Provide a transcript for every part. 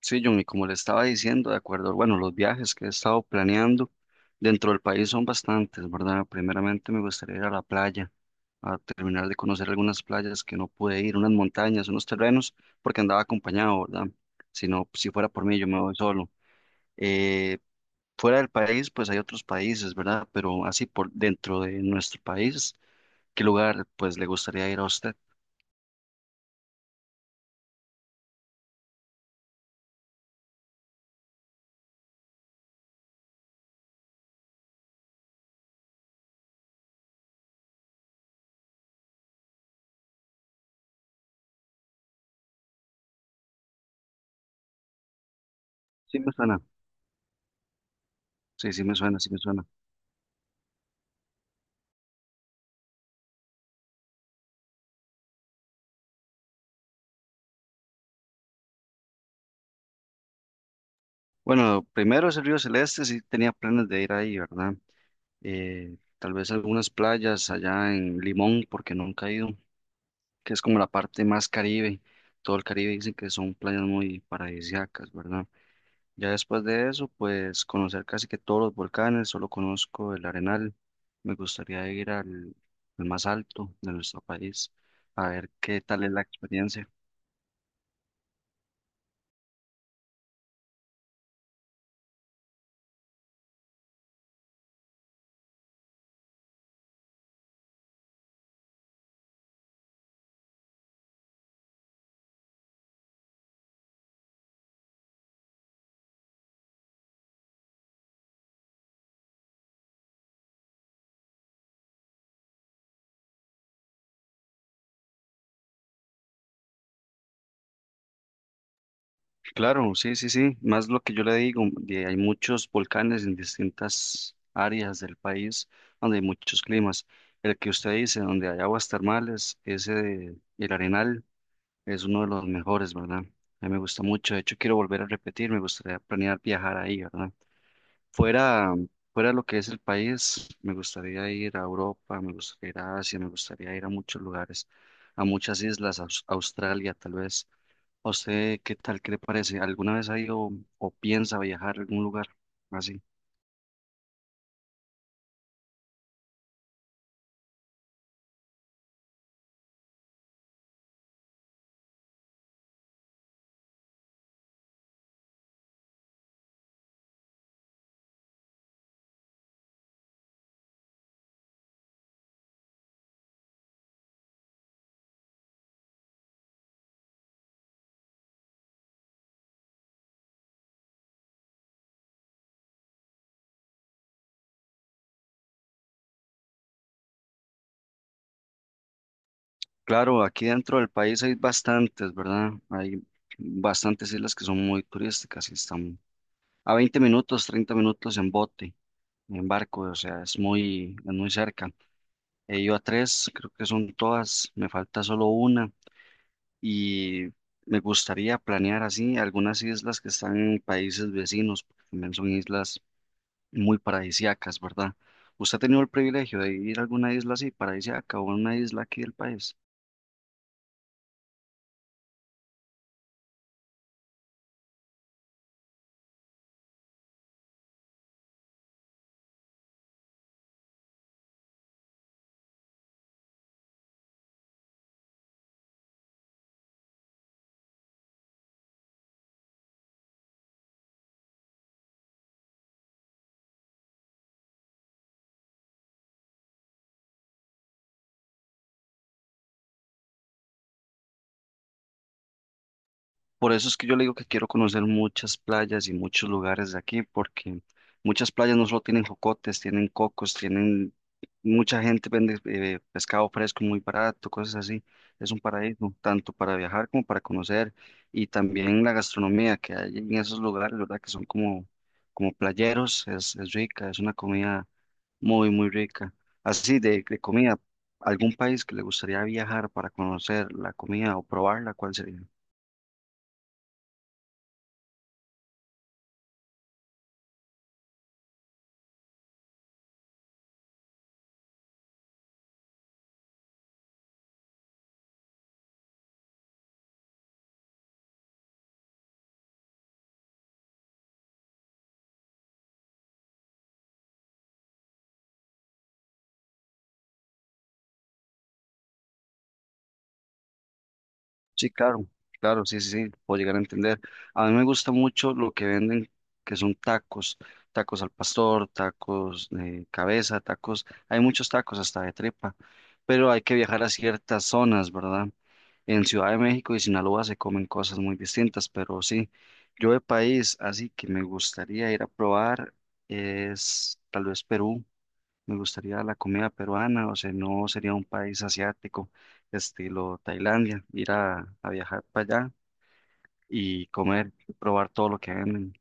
Sí, John, y como le estaba diciendo, de acuerdo, bueno, los viajes que he estado planeando dentro del país son bastantes, ¿verdad? Primeramente me gustaría ir a la playa, a terminar de conocer algunas playas que no pude ir, unas montañas, unos terrenos, porque andaba acompañado, ¿verdad? Si no, si fuera por mí, yo me voy solo. Eh, Fuera del país, pues hay otros países, ¿verdad? Pero así por dentro de nuestro país, ¿qué lugar, pues, le gustaría ir a usted? Sí me suena, sí, sí me suena, sí me suena. Bueno, primero es el Río Celeste, sí tenía planes de ir ahí, ¿verdad? Tal vez algunas playas allá en Limón, porque nunca he ido, que es como la parte más Caribe. Todo el Caribe dicen que son playas muy paradisíacas, ¿verdad? Ya después de eso, pues conocer casi que todos los volcanes, solo conozco el Arenal. Me gustaría ir al más alto de nuestro país, a ver qué tal es la experiencia. Claro, sí, sí, sí, más lo que yo le digo, hay muchos volcanes en distintas áreas del país donde hay muchos climas. El que usted dice, donde hay aguas termales, ese de El Arenal es uno de los mejores, ¿verdad? A mí me gusta mucho, de hecho quiero volver a repetir, me gustaría planear viajar ahí, ¿verdad? Fuera, fuera de lo que es el país, me gustaría ir a Europa, me gustaría ir a Asia, me gustaría ir a muchos lugares, a muchas islas, a Australia tal vez. ¿A usted qué tal? ¿Qué le parece? ¿Alguna vez ha ido o piensa viajar a algún lugar así? Claro, aquí dentro del país hay bastantes, ¿verdad? Hay bastantes islas que son muy turísticas y están a 20 minutos, 30 minutos en bote, en barco, o sea, es muy cerca. He ido a tres, creo que son todas, me falta solo una y me gustaría planear así algunas islas que están en países vecinos, porque también son islas muy paradisíacas, ¿verdad? ¿Usted ha tenido el privilegio de ir a alguna isla así, paradisíaca o a una isla aquí del país? Por eso es que yo le digo que quiero conocer muchas playas y muchos lugares de aquí, porque muchas playas no solo tienen jocotes, tienen cocos, tienen mucha gente vende pescado fresco muy barato, cosas así. Es un paraíso, tanto para viajar como para conocer, y también la gastronomía que hay en esos lugares, ¿verdad? Que son como, como playeros, es rica, es una comida muy, muy rica. Así de comida, ¿algún país que le gustaría viajar para conocer la comida o probarla? ¿Cuál sería? Sí, claro, claro, sí, sí, sí, puedo llegar a entender. A mí me gusta mucho lo que venden, que son tacos, tacos al pastor, tacos de cabeza, tacos, hay muchos tacos hasta de tripa, pero hay que viajar a ciertas zonas, ¿verdad? En Ciudad de México y Sinaloa se comen cosas muy distintas, pero sí, yo de país, así que me gustaría ir a probar es tal vez Perú, me gustaría la comida peruana, o sea, no sería un país asiático, estilo Tailandia, ir a viajar para allá y comer, probar todo lo que venden.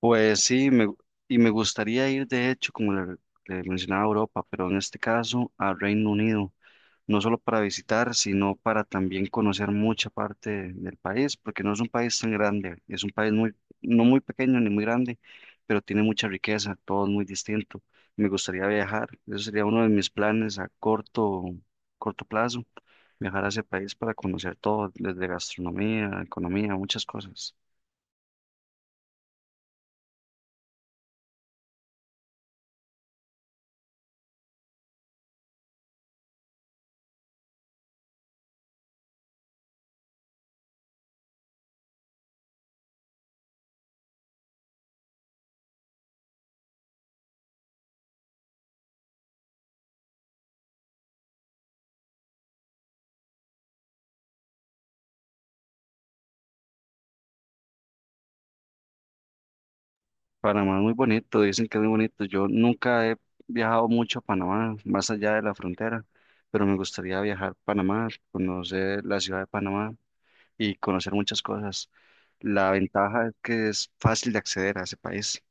Pues sí, y me gustaría ir, de hecho, como le mencionaba a Europa, pero en este caso a Reino Unido. No solo para visitar, sino para también conocer mucha parte del país, porque no es un país tan grande, es un país muy, no muy pequeño ni muy grande, pero tiene mucha riqueza, todo es muy distinto. Me gustaría viajar, eso sería uno de mis planes a corto plazo, viajar a ese país para conocer todo, desde gastronomía, economía, muchas cosas. Panamá es muy bonito, dicen que es muy bonito. Yo nunca he viajado mucho a Panamá, más allá de la frontera, pero me gustaría viajar a Panamá, conocer la ciudad de Panamá y conocer muchas cosas. La ventaja es que es fácil de acceder a ese país.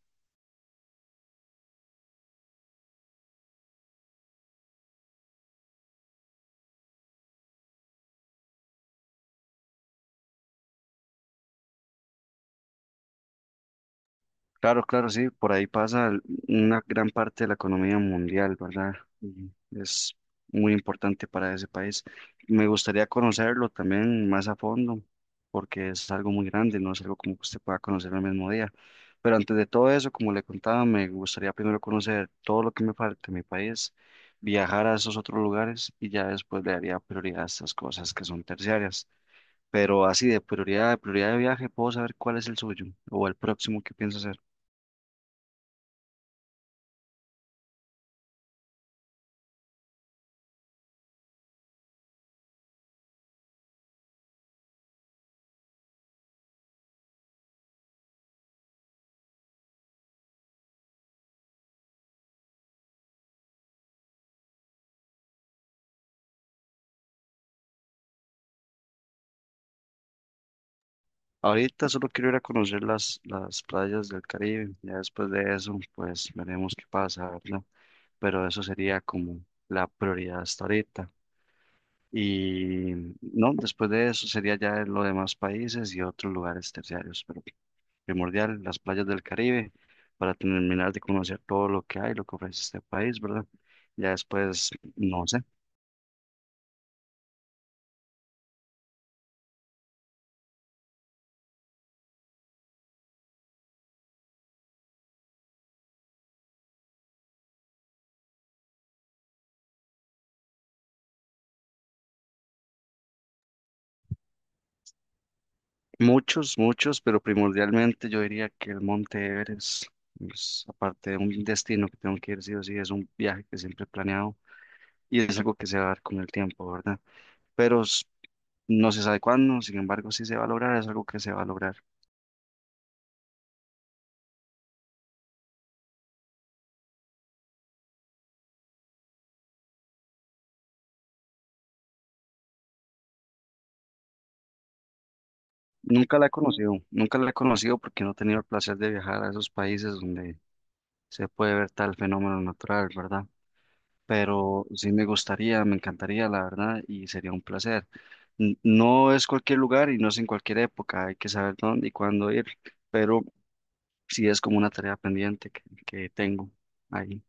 Claro, claro, sí, por ahí pasa el- una gran parte de la economía mundial, ¿verdad? Y es muy importante para ese país. Me gustaría conocerlo también más a fondo, porque es algo muy grande, no es algo como que usted pueda conocer el mismo día. Pero antes de todo eso, como le contaba, me gustaría primero conocer todo lo que me falta en mi país, viajar a esos otros lugares y ya después le daría prioridad a estas cosas que son terciarias. Pero así de prioridad, de prioridad de viaje, puedo saber cuál es el suyo o el próximo que piensa hacer. Ahorita solo quiero ir a conocer las playas del Caribe. Ya después de eso, pues veremos qué pasa, ¿verdad? Pero eso sería como la prioridad hasta ahorita. Y no, después de eso sería ya los demás países y otros lugares terciarios. Pero primordial, las playas del Caribe, para terminar de conocer todo lo que hay, lo que ofrece este país, ¿verdad? Ya después, no sé. Muchos, muchos, pero primordialmente yo diría que el Monte Everest es, aparte de un destino que tengo que ir sí o sí, es un viaje que siempre he planeado y es algo que se va a dar con el tiempo, ¿verdad? Pero s- no se sabe cuándo, sin embargo, sí se va a lograr, es algo que se va a lograr. Nunca la he conocido, nunca la he conocido porque no he tenido el placer de viajar a esos países donde se puede ver tal fenómeno natural, ¿verdad? Pero sí me gustaría, me encantaría, la verdad, y sería un placer. No es cualquier lugar y no es en cualquier época, hay que saber dónde y cuándo ir, pero sí es como una tarea pendiente que tengo ahí.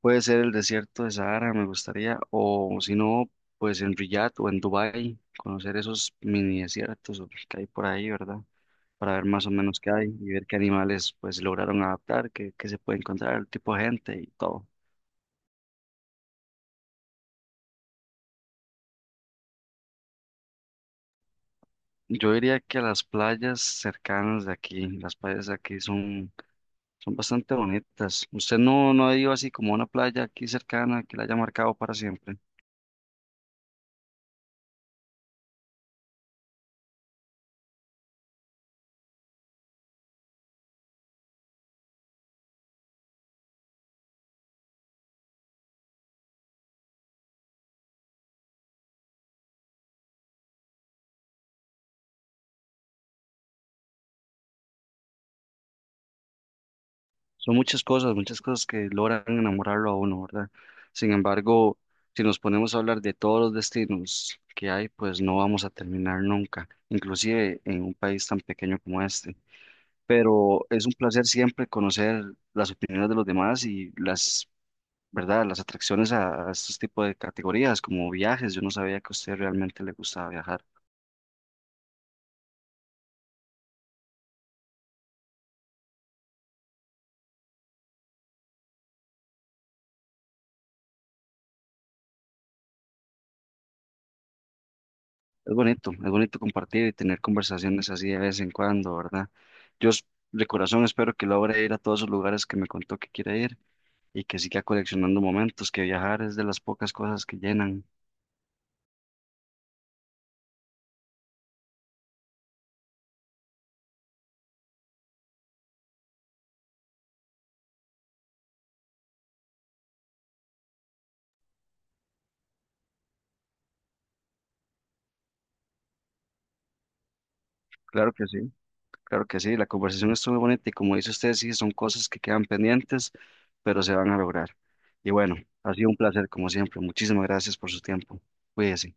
Puede ser el desierto de Sahara, me gustaría, o si no, pues en Riyadh o en Dubái, conocer esos mini desiertos o que hay por ahí, ¿verdad? Para ver más o menos qué hay y ver qué animales pues lograron adaptar, qué se puede encontrar, el tipo de gente y todo. Yo diría que las playas cercanas de aquí, las playas de aquí son, son bastante bonitas. Usted no, no ha ido así como a una playa aquí cercana que la haya marcado para siempre. Son muchas cosas que logran enamorarlo a uno, ¿verdad? Sin embargo, si nos ponemos a hablar de todos los destinos que hay, pues no vamos a terminar nunca, inclusive en un país tan pequeño como este. Pero es un placer siempre conocer las opiniones de los demás y las ¿verdad? Las atracciones a estos tipos de categorías, como viajes. Yo no sabía que a usted realmente le gustaba viajar. Es bonito compartir y tener conversaciones así de vez en cuando, ¿verdad? Yo s- de corazón espero que logre ir a todos esos lugares que me contó que quiere ir y que siga coleccionando momentos, que viajar es de las pocas cosas que llenan. Claro que sí, claro que sí, la conversación estuvo bonita y como dice usted, sí, son cosas que quedan pendientes, pero se van a lograr. Y bueno, ha sido un placer como siempre. Muchísimas gracias por su tiempo. Cuídese.